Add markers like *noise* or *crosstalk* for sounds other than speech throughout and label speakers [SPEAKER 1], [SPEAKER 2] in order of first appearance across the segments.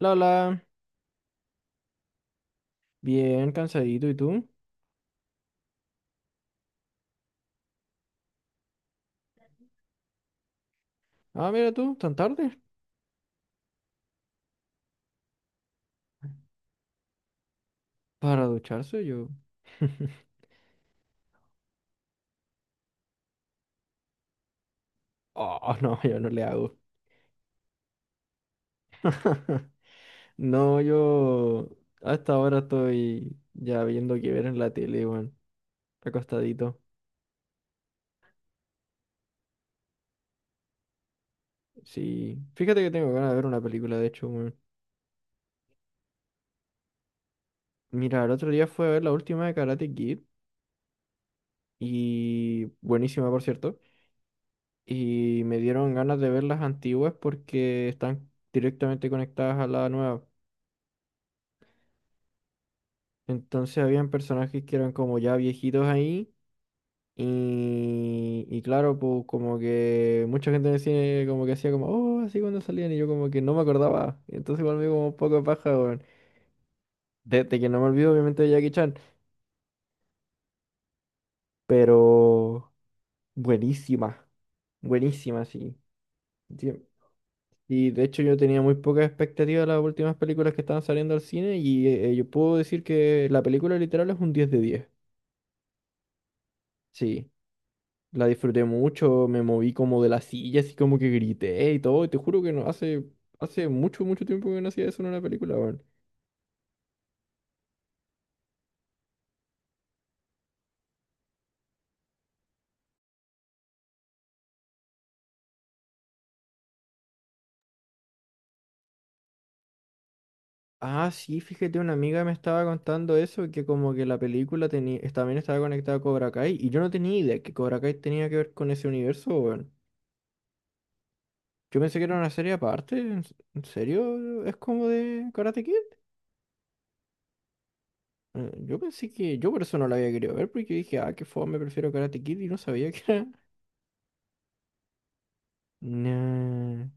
[SPEAKER 1] La, bien cansadito, ¿y tú? Ah, mira tú, tan tarde. Para ducharse yo. *laughs* Oh, no, yo no le hago. *laughs* No, yo hasta ahora estoy ya viendo que ver en la tele, weón. Acostadito. Sí. Fíjate que tengo ganas de ver una película, de hecho, weón. Mira, el otro día fue a ver la última de Karate Kid. Y buenísima, por cierto. Y me dieron ganas de ver las antiguas porque están directamente conectadas a la nueva. Entonces habían personajes que eran como ya viejitos ahí. Y claro, pues como que mucha gente en el cine como que hacía como, oh, así cuando salían y yo como que no me acordaba. Entonces igual me dio como un poco de paja, weón. Desde que no me olvido obviamente de Jackie Chan, pero buenísima, buenísima, sí. Sí, y de hecho yo tenía muy poca expectativa de las últimas películas que estaban saliendo al cine y yo puedo decir que la película literal es un 10 de 10. Sí. La disfruté mucho, me moví como de la silla, así como que grité y todo. Y te juro que no, hace, hace mucho, mucho tiempo que no hacía eso en una película, weón. Ah, sí, fíjate, una amiga me estaba contando eso, que como que la película tenía, también estaba conectada a Cobra Kai, y yo no tenía idea que Cobra Kai tenía que ver con ese universo, weón. Yo pensé que era una serie aparte, ¿en serio? ¿Es como de Karate Kid? Yo pensé que, yo por eso no la había querido ver, porque dije, ah, qué fome, prefiero Karate Kid, y no sabía que era... Nah.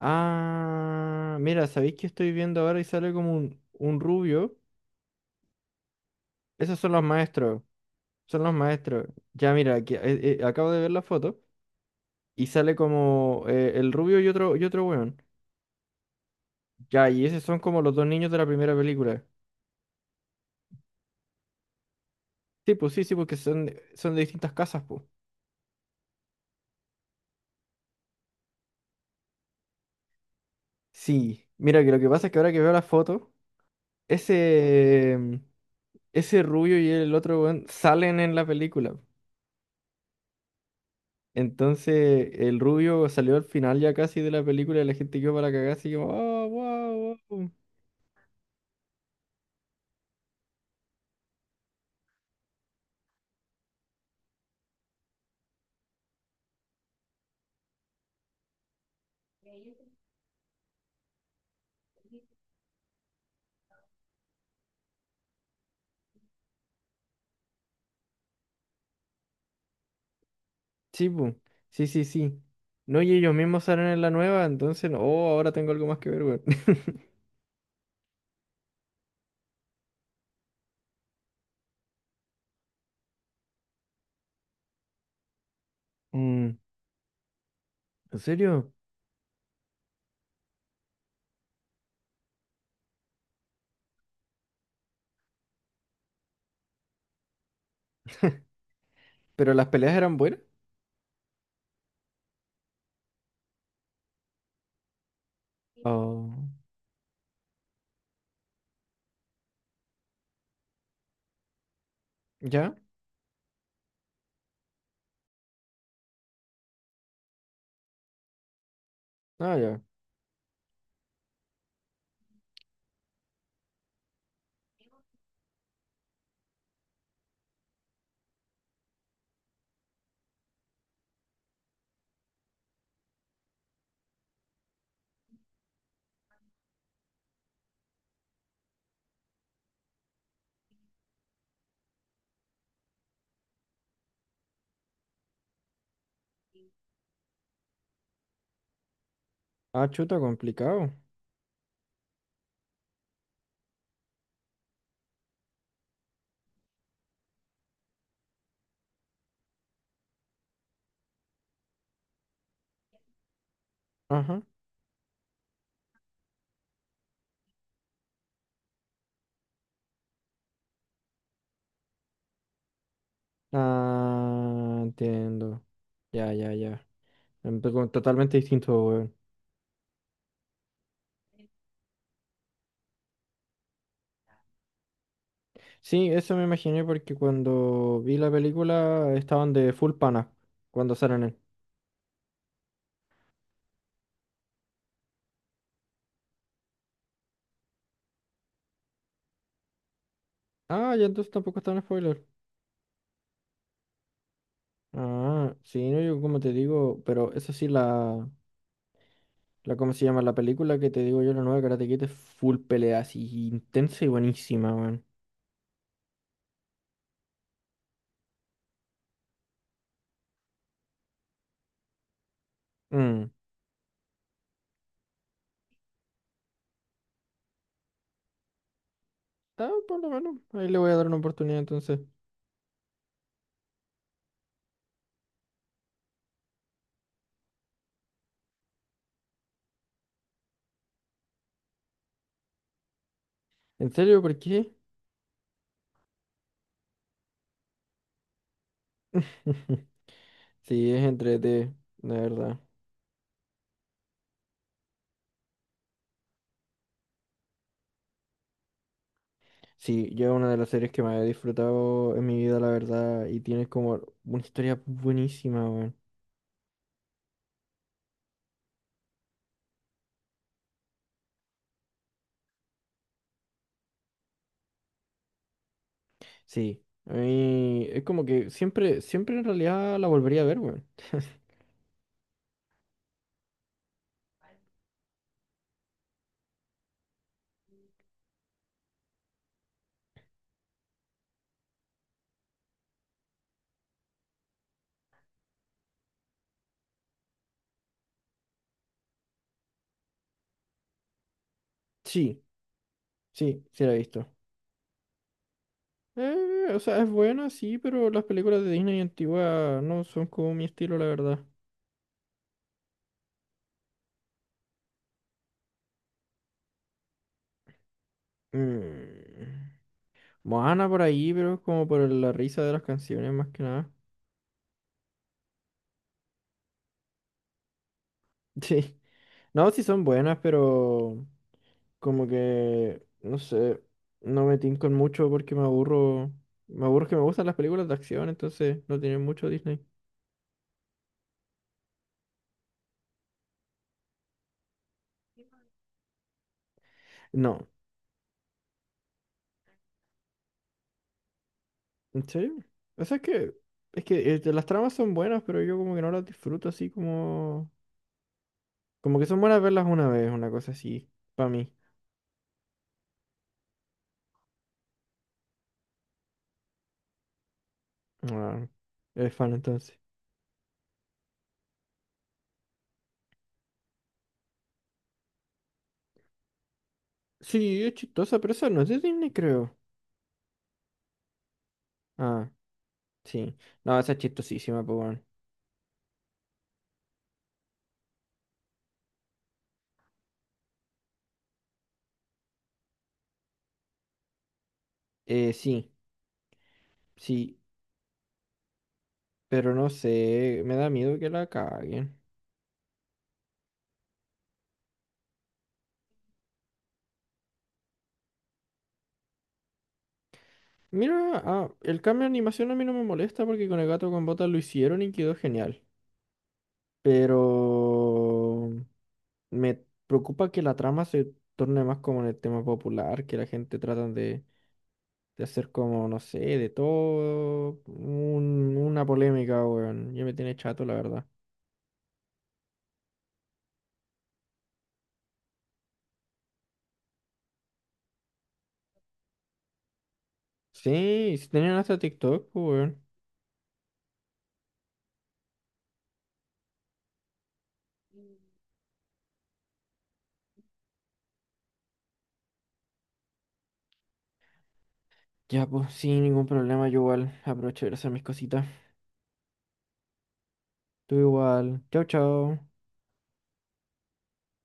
[SPEAKER 1] Ah, mira, ¿sabéis que estoy viendo ahora y sale como un rubio? Esos son los maestros, son los maestros. Ya, mira, aquí, acabo de ver la foto y sale como el rubio y otro weón. Ya, y esos son como los dos niños de la primera película. Sí, pues sí, sí, porque son, son de distintas casas, pues. Sí, mira, que lo que pasa es que ahora que veo la foto, ese, ese rubio y el otro weón salen en la película. Entonces el rubio salió al final ya casi de la película y la gente quedó para cagar así como, oh, wow, wow. Sí. Sí, sí, sí. No, y ellos mismos salen en la nueva, entonces, no, oh, ahora tengo algo más que ver, weón. *laughs* Mm, ¿En serio? ¿Pero las peleas eran buenas? Oh, ¿ya? Ah, ya. Ah, chuta, complicado. Ajá. Ah, entiendo. Ya, ya, ya. Totalmente distinto, weón. Sí, eso me imaginé porque cuando vi la película estaban de full pana cuando salen él. Ah, ya entonces tampoco está en spoiler. Ah, sí, no, yo como te digo, pero eso sí, la, ¿cómo se llama? La película que te digo yo, la nueva Karate Kid es full pelea, así intensa y buenísima, weón. Mm. Ah, por lo menos, ahí le voy a dar una oportunidad entonces. ¿En serio? ¿Por qué? *laughs* Sí, es entrete, de verdad. Sí, yo es una de las series que más he disfrutado en mi vida, la verdad, y tiene como una historia buenísima, weón. Sí, a mí es como que siempre, siempre en realidad la volvería a ver, weón. *laughs* Sí, sí, sí la he visto. O sea, es buena, sí, pero las películas de Disney antiguas no son como mi estilo, la verdad. Mm. Moana por ahí, pero es como por la risa de las canciones más que nada. *laughs* Sí. No, sí son buenas, pero... Como que, no sé, no me tincan mucho porque me aburro. Me aburro que me gustan las películas de acción, entonces no tienen mucho Disney. No, ¿en serio? O sea, es que este, las tramas son buenas, pero yo como que no las disfruto así como... Como que son buenas verlas una vez, una cosa así, para mí. Ah, eres fan entonces. Sí, es chistosa, pero esa no es de Disney, creo. Ah, sí. No, esa es chistosísima, pues bueno. Sí, sí, pero no sé, me da miedo que la caguen. Mira, ah, el cambio de animación a mí no me molesta porque con el gato con botas lo hicieron y quedó genial. Pero me preocupa que la trama se torne más como en el tema popular, que la gente tratan de, hacer como, no sé, de todo una polémica, weón. Ya me tiene chato, la verdad. Sí, si tenían hasta TikTok, pues, weón. Ya, pues, sin ningún problema, yo igual aprovecho de hacer mis cositas. Tú igual. Chao, chao.